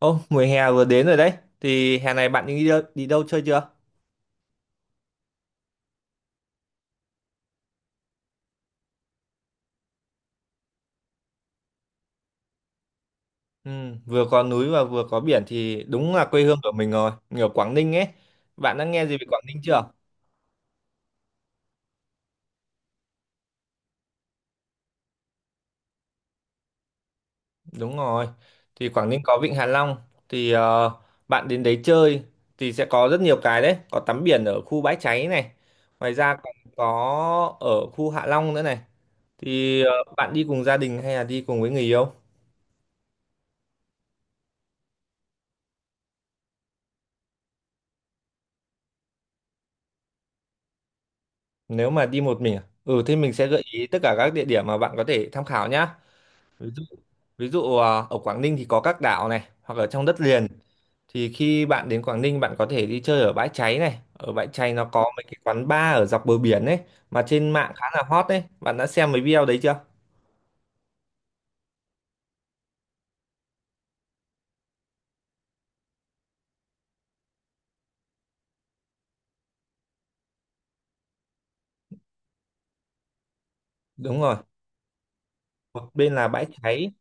Ô, mùa hè vừa đến rồi đấy. Thì hè này bạn đi đâu chơi chưa? Ừ, vừa có núi và vừa có biển thì đúng là quê hương của mình rồi. Mình ở Quảng Ninh ấy. Bạn đã nghe gì về Quảng Ninh chưa? Đúng rồi. Thì Quảng Ninh có Vịnh Hạ Long. Thì bạn đến đấy chơi thì sẽ có rất nhiều cái đấy. Có tắm biển ở khu Bãi Cháy này. Ngoài ra còn có ở khu Hạ Long nữa này. Thì bạn đi cùng gia đình hay là đi cùng với người yêu? Nếu mà đi một mình à? Ừ, thế mình sẽ gợi ý tất cả các địa điểm mà bạn có thể tham khảo nhá. ví dụ ví dụ, ở Quảng Ninh thì có các đảo này, hoặc ở trong đất liền. Thì khi bạn đến Quảng Ninh, bạn có thể đi chơi ở Bãi Cháy này. Ở Bãi Cháy nó có mấy cái quán bar ở dọc bờ biển ấy mà trên mạng khá là hot đấy. Bạn đã xem mấy video đấy chưa? Đúng rồi, một bên là Bãi Cháy,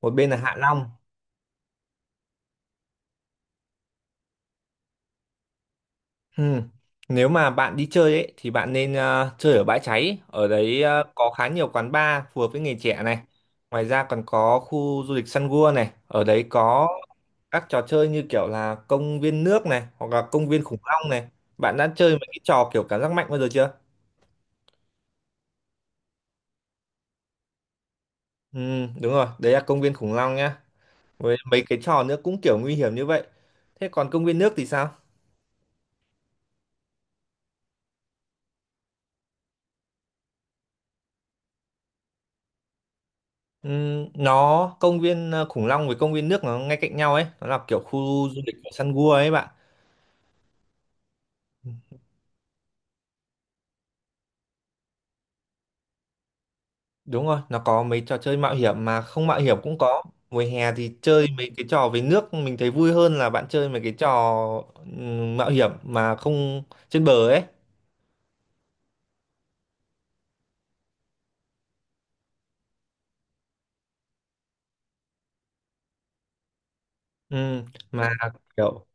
một bên là Hạ Long. Ừm. Nếu mà bạn đi chơi ấy thì bạn nên chơi ở Bãi Cháy. Ở đấy có khá nhiều quán bar phù hợp với người trẻ này. Ngoài ra còn có khu du lịch Sun World này. Ở đấy có các trò chơi như kiểu là công viên nước này, hoặc là công viên khủng long này. Bạn đã chơi mấy cái trò kiểu cảm giác mạnh bao giờ chưa? Ừ, đúng rồi, đấy là công viên khủng long nhá, với mấy cái trò nữa cũng kiểu nguy hiểm như vậy. Thế còn công viên nước thì sao? Ừ, nó công viên khủng long với công viên nước nó ngay cạnh nhau ấy, nó là kiểu khu du lịch của săn gua ấy bạn. Ừ, đúng rồi, nó có mấy trò chơi mạo hiểm mà không mạo hiểm cũng có. Mùa hè thì chơi mấy cái trò về nước mình thấy vui hơn là bạn chơi mấy cái trò ừ, mạo hiểm mà không trên bờ ấy. Ừ, mà kiểu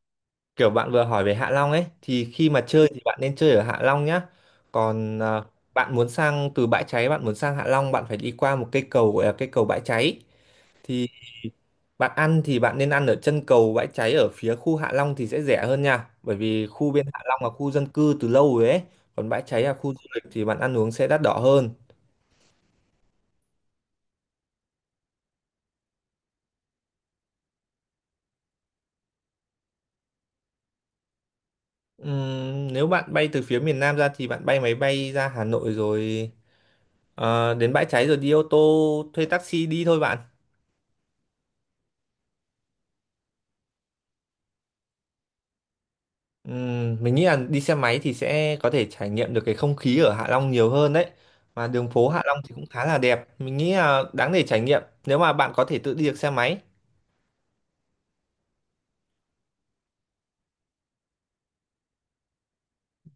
kiểu bạn vừa hỏi về Hạ Long ấy thì khi mà chơi thì bạn nên chơi ở Hạ Long nhá. Còn bạn muốn sang từ Bãi Cháy, bạn muốn sang Hạ Long, bạn phải đi qua một cây cầu gọi là cây cầu Bãi Cháy. Thì bạn ăn thì bạn nên ăn ở chân cầu Bãi Cháy ở phía khu Hạ Long thì sẽ rẻ hơn nha. Bởi vì khu bên Hạ Long là khu dân cư từ lâu rồi ấy. Còn Bãi Cháy là khu du lịch thì bạn ăn uống sẽ đắt đỏ hơn. Nếu bạn bay từ phía miền Nam ra thì bạn bay máy bay ra Hà Nội rồi đến Bãi Cháy rồi đi ô tô thuê taxi đi thôi bạn. Mình nghĩ là đi xe máy thì sẽ có thể trải nghiệm được cái không khí ở Hạ Long nhiều hơn đấy. Mà đường phố Hạ Long thì cũng khá là đẹp. Mình nghĩ là đáng để trải nghiệm nếu mà bạn có thể tự đi được xe máy.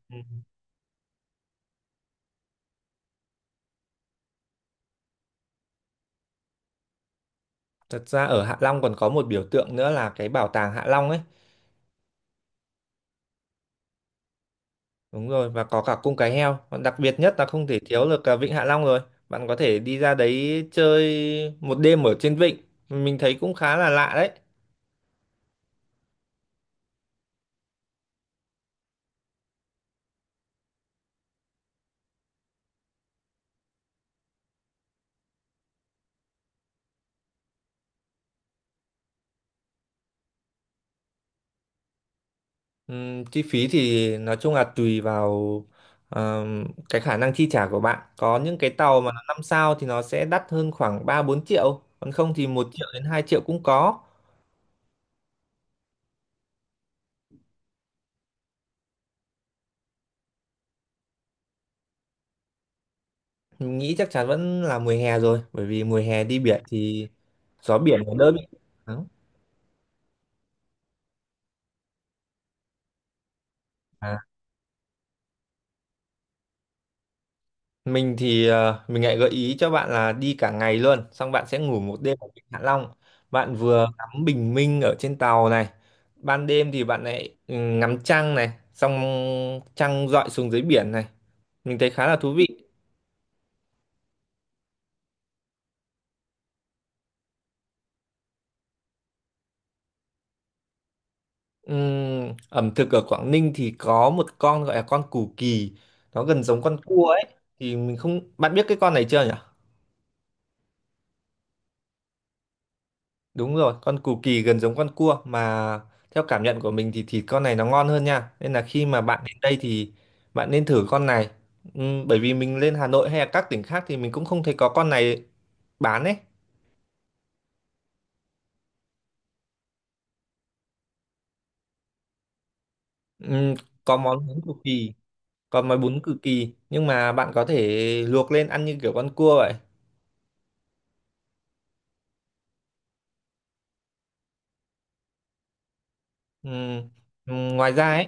Ừ. Thật ra ở Hạ Long còn có một biểu tượng nữa là cái bảo tàng Hạ Long ấy. Đúng rồi, và có cả cung cái heo. Còn đặc biệt nhất là không thể thiếu được Vịnh Hạ Long rồi. Bạn có thể đi ra đấy chơi một đêm ở trên vịnh. Mình thấy cũng khá là lạ đấy. Chi phí thì nói chung là tùy vào cái khả năng chi trả của bạn. Có những cái tàu mà nó 5 sao thì nó sẽ đắt hơn khoảng 3-4 triệu, còn không thì 1 triệu đến 2 triệu cũng có. Mình nghĩ chắc chắn vẫn là mùa hè rồi, bởi vì mùa hè đi biển thì gió biển nó đỡ bị nắng. Mình thì mình lại gợi ý cho bạn là đi cả ngày luôn, xong bạn sẽ ngủ một đêm ở Vịnh Hạ Long. Bạn vừa ngắm bình minh ở trên tàu này, ban đêm thì bạn lại ngắm trăng này, xong trăng rọi xuống dưới biển này. Mình thấy khá là thú vị. Ẩm thực ở Quảng Ninh thì có một con gọi là con củ kỳ, nó gần giống con cua ấy. Thì mình không, bạn biết cái con này chưa nhỉ? Đúng rồi, con cù kỳ gần giống con cua mà theo cảm nhận của mình thì thịt con này nó ngon hơn nha. Nên là khi mà bạn đến đây thì bạn nên thử con này. Bởi vì mình lên Hà Nội hay là các tỉnh khác thì mình cũng không thấy có con này bán ấy. Ừm, có món bún cù kỳ, có món bún cù kỳ nhưng mà bạn có thể luộc lên ăn như kiểu con cua vậy. Ừm, ừm, ngoài ra ấy,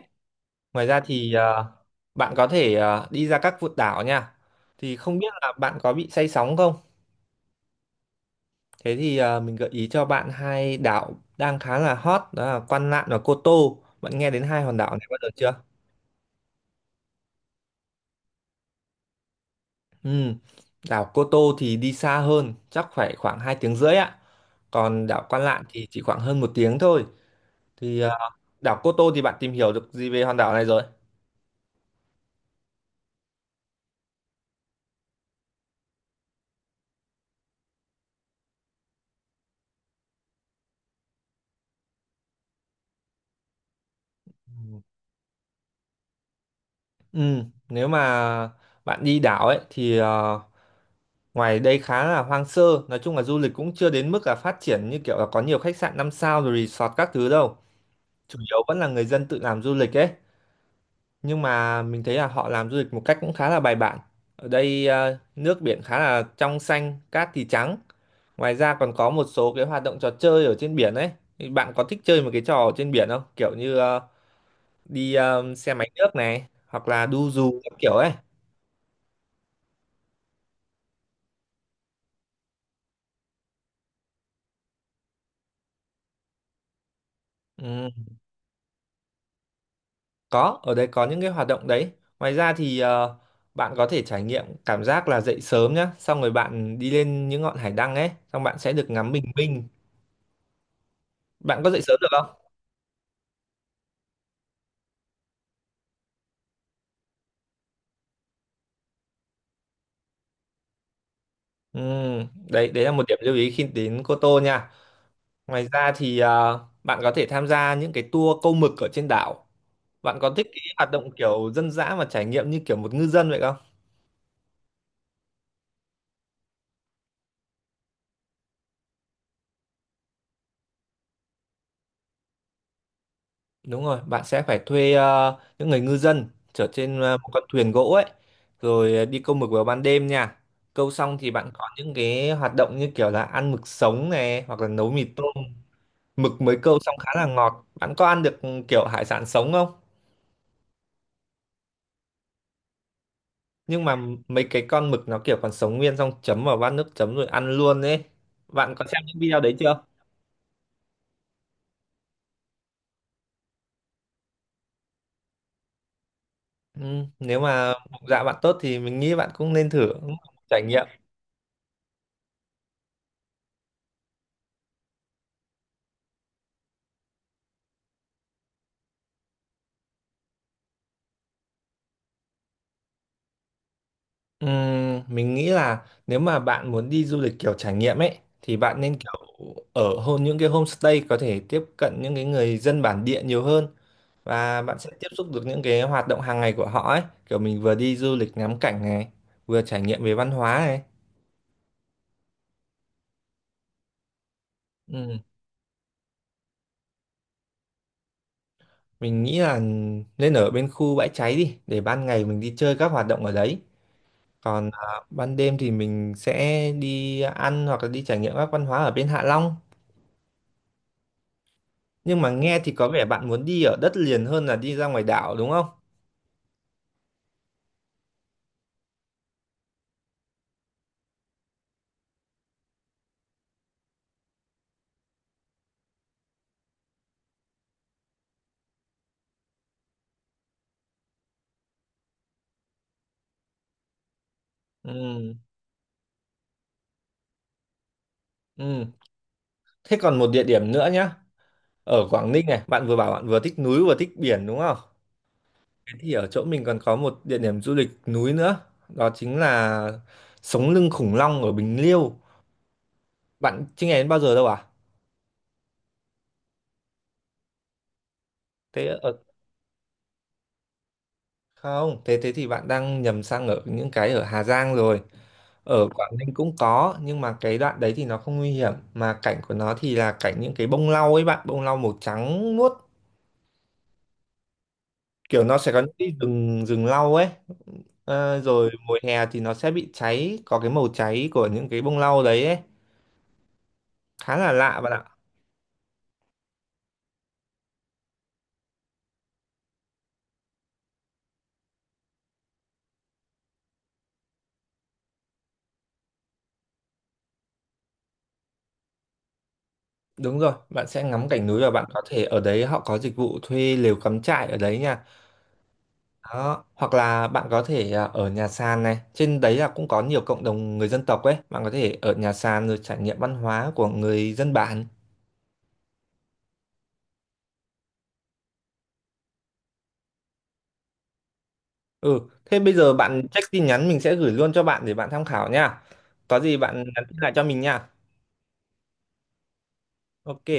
ngoài ra thì bạn có thể đi ra các vụt đảo nha. Thì không biết là bạn có bị say sóng không? Thế thì mình gợi ý cho bạn hai đảo đang khá là hot đó là Quan Lạn và Cô Tô. Bạn nghe đến hai hòn đảo này bao giờ chưa? Ừ. Đảo Cô Tô thì đi xa hơn, chắc phải khoảng 2 tiếng rưỡi ạ. Còn đảo Quan Lạn thì chỉ khoảng hơn 1 tiếng thôi. Thì đảo Cô Tô thì bạn tìm hiểu được gì về hòn đảo này rồi? Ừ. Nếu mà bạn đi đảo ấy thì ngoài đây khá là hoang sơ, nói chung là du lịch cũng chưa đến mức là phát triển như kiểu là có nhiều khách sạn 5 sao rồi resort các thứ đâu. Chủ yếu vẫn là người dân tự làm du lịch ấy. Nhưng mà mình thấy là họ làm du lịch một cách cũng khá là bài bản. Ở đây nước biển khá là trong xanh, cát thì trắng. Ngoài ra còn có một số cái hoạt động trò chơi ở trên biển ấy. Thì bạn có thích chơi một cái trò ở trên biển không, kiểu như đi xe máy nước này hoặc là đu dù các kiểu ấy? ừ, có, ở đây có những cái hoạt động đấy. Ngoài ra thì bạn có thể trải nghiệm cảm giác là dậy sớm nhá, xong rồi bạn đi lên những ngọn hải đăng ấy, xong bạn sẽ được ngắm bình minh. Bạn có dậy sớm được không? Ừ, đấy đấy là một điểm lưu ý khi đến Cô Tô nha. Ngoài ra thì bạn có thể tham gia những cái tour câu mực ở trên đảo. Bạn có thích cái hoạt động kiểu dân dã và trải nghiệm như kiểu một ngư dân vậy không? Đúng rồi, bạn sẽ phải thuê những người ngư dân chở trên một con thuyền gỗ ấy, rồi đi câu mực vào ban đêm nha. Câu xong thì bạn có những cái hoạt động như kiểu là ăn mực sống này hoặc là nấu mì tôm. Mực mới câu xong khá là ngọt. Bạn có ăn được kiểu hải sản sống không? Nhưng mà mấy cái con mực nó kiểu còn sống nguyên xong chấm vào bát nước chấm rồi ăn luôn ấy. Bạn có xem những video đấy chưa? Ừ, nếu mà bụng dạ bạn tốt thì mình nghĩ bạn cũng nên thử cũng là một trải nghiệm. Ừ, mình nghĩ là nếu mà bạn muốn đi du lịch kiểu trải nghiệm ấy thì bạn nên kiểu ở hôn những cái homestay có thể tiếp cận những cái người dân bản địa nhiều hơn và bạn sẽ tiếp xúc được những cái hoạt động hàng ngày của họ ấy. Kiểu mình vừa đi du lịch ngắm cảnh này, vừa trải nghiệm về văn hóa này. Ừ. Mình nghĩ là nên ở bên khu Bãi Cháy đi để ban ngày mình đi chơi các hoạt động ở đấy. Còn ban đêm thì mình sẽ đi ăn hoặc là đi trải nghiệm các văn hóa ở bên Hạ Long. Nhưng mà nghe thì có vẻ bạn muốn đi ở đất liền hơn là đi ra ngoài đảo đúng không? Ừ, ừ. Thế còn một địa điểm nữa nhá. Ở Quảng Ninh này, bạn vừa bảo bạn vừa thích núi vừa thích biển đúng không? Thế thì ở chỗ mình còn có một địa điểm du lịch núi nữa. Đó chính là Sống lưng khủng long ở Bình Liêu. Bạn chưa nghe đến bao giờ đâu à? Thế ở Không, thế thế thì bạn đang nhầm sang ở những cái ở Hà Giang rồi. Ở Quảng Ninh cũng có, nhưng mà cái đoạn đấy thì nó không nguy hiểm. Mà cảnh của nó thì là cảnh những cái bông lau ấy bạn, bông lau màu trắng muốt. Kiểu nó sẽ có những cái rừng, rừng lau ấy. Ờ, rồi mùa hè thì nó sẽ bị cháy, có cái màu cháy của những cái bông lau đấy ấy. Khá là lạ bạn ạ. Đúng rồi, bạn sẽ ngắm cảnh núi và bạn có thể ở đấy họ có dịch vụ thuê lều cắm trại ở đấy nha. Đó. Hoặc là bạn có thể ở nhà sàn này, trên đấy là cũng có nhiều cộng đồng người dân tộc ấy, bạn có thể ở nhà sàn rồi trải nghiệm văn hóa của người dân bản. Ừ, thế bây giờ bạn check tin nhắn mình sẽ gửi luôn cho bạn để bạn tham khảo nha. Có gì bạn nhắn tin lại cho mình nha. Ok.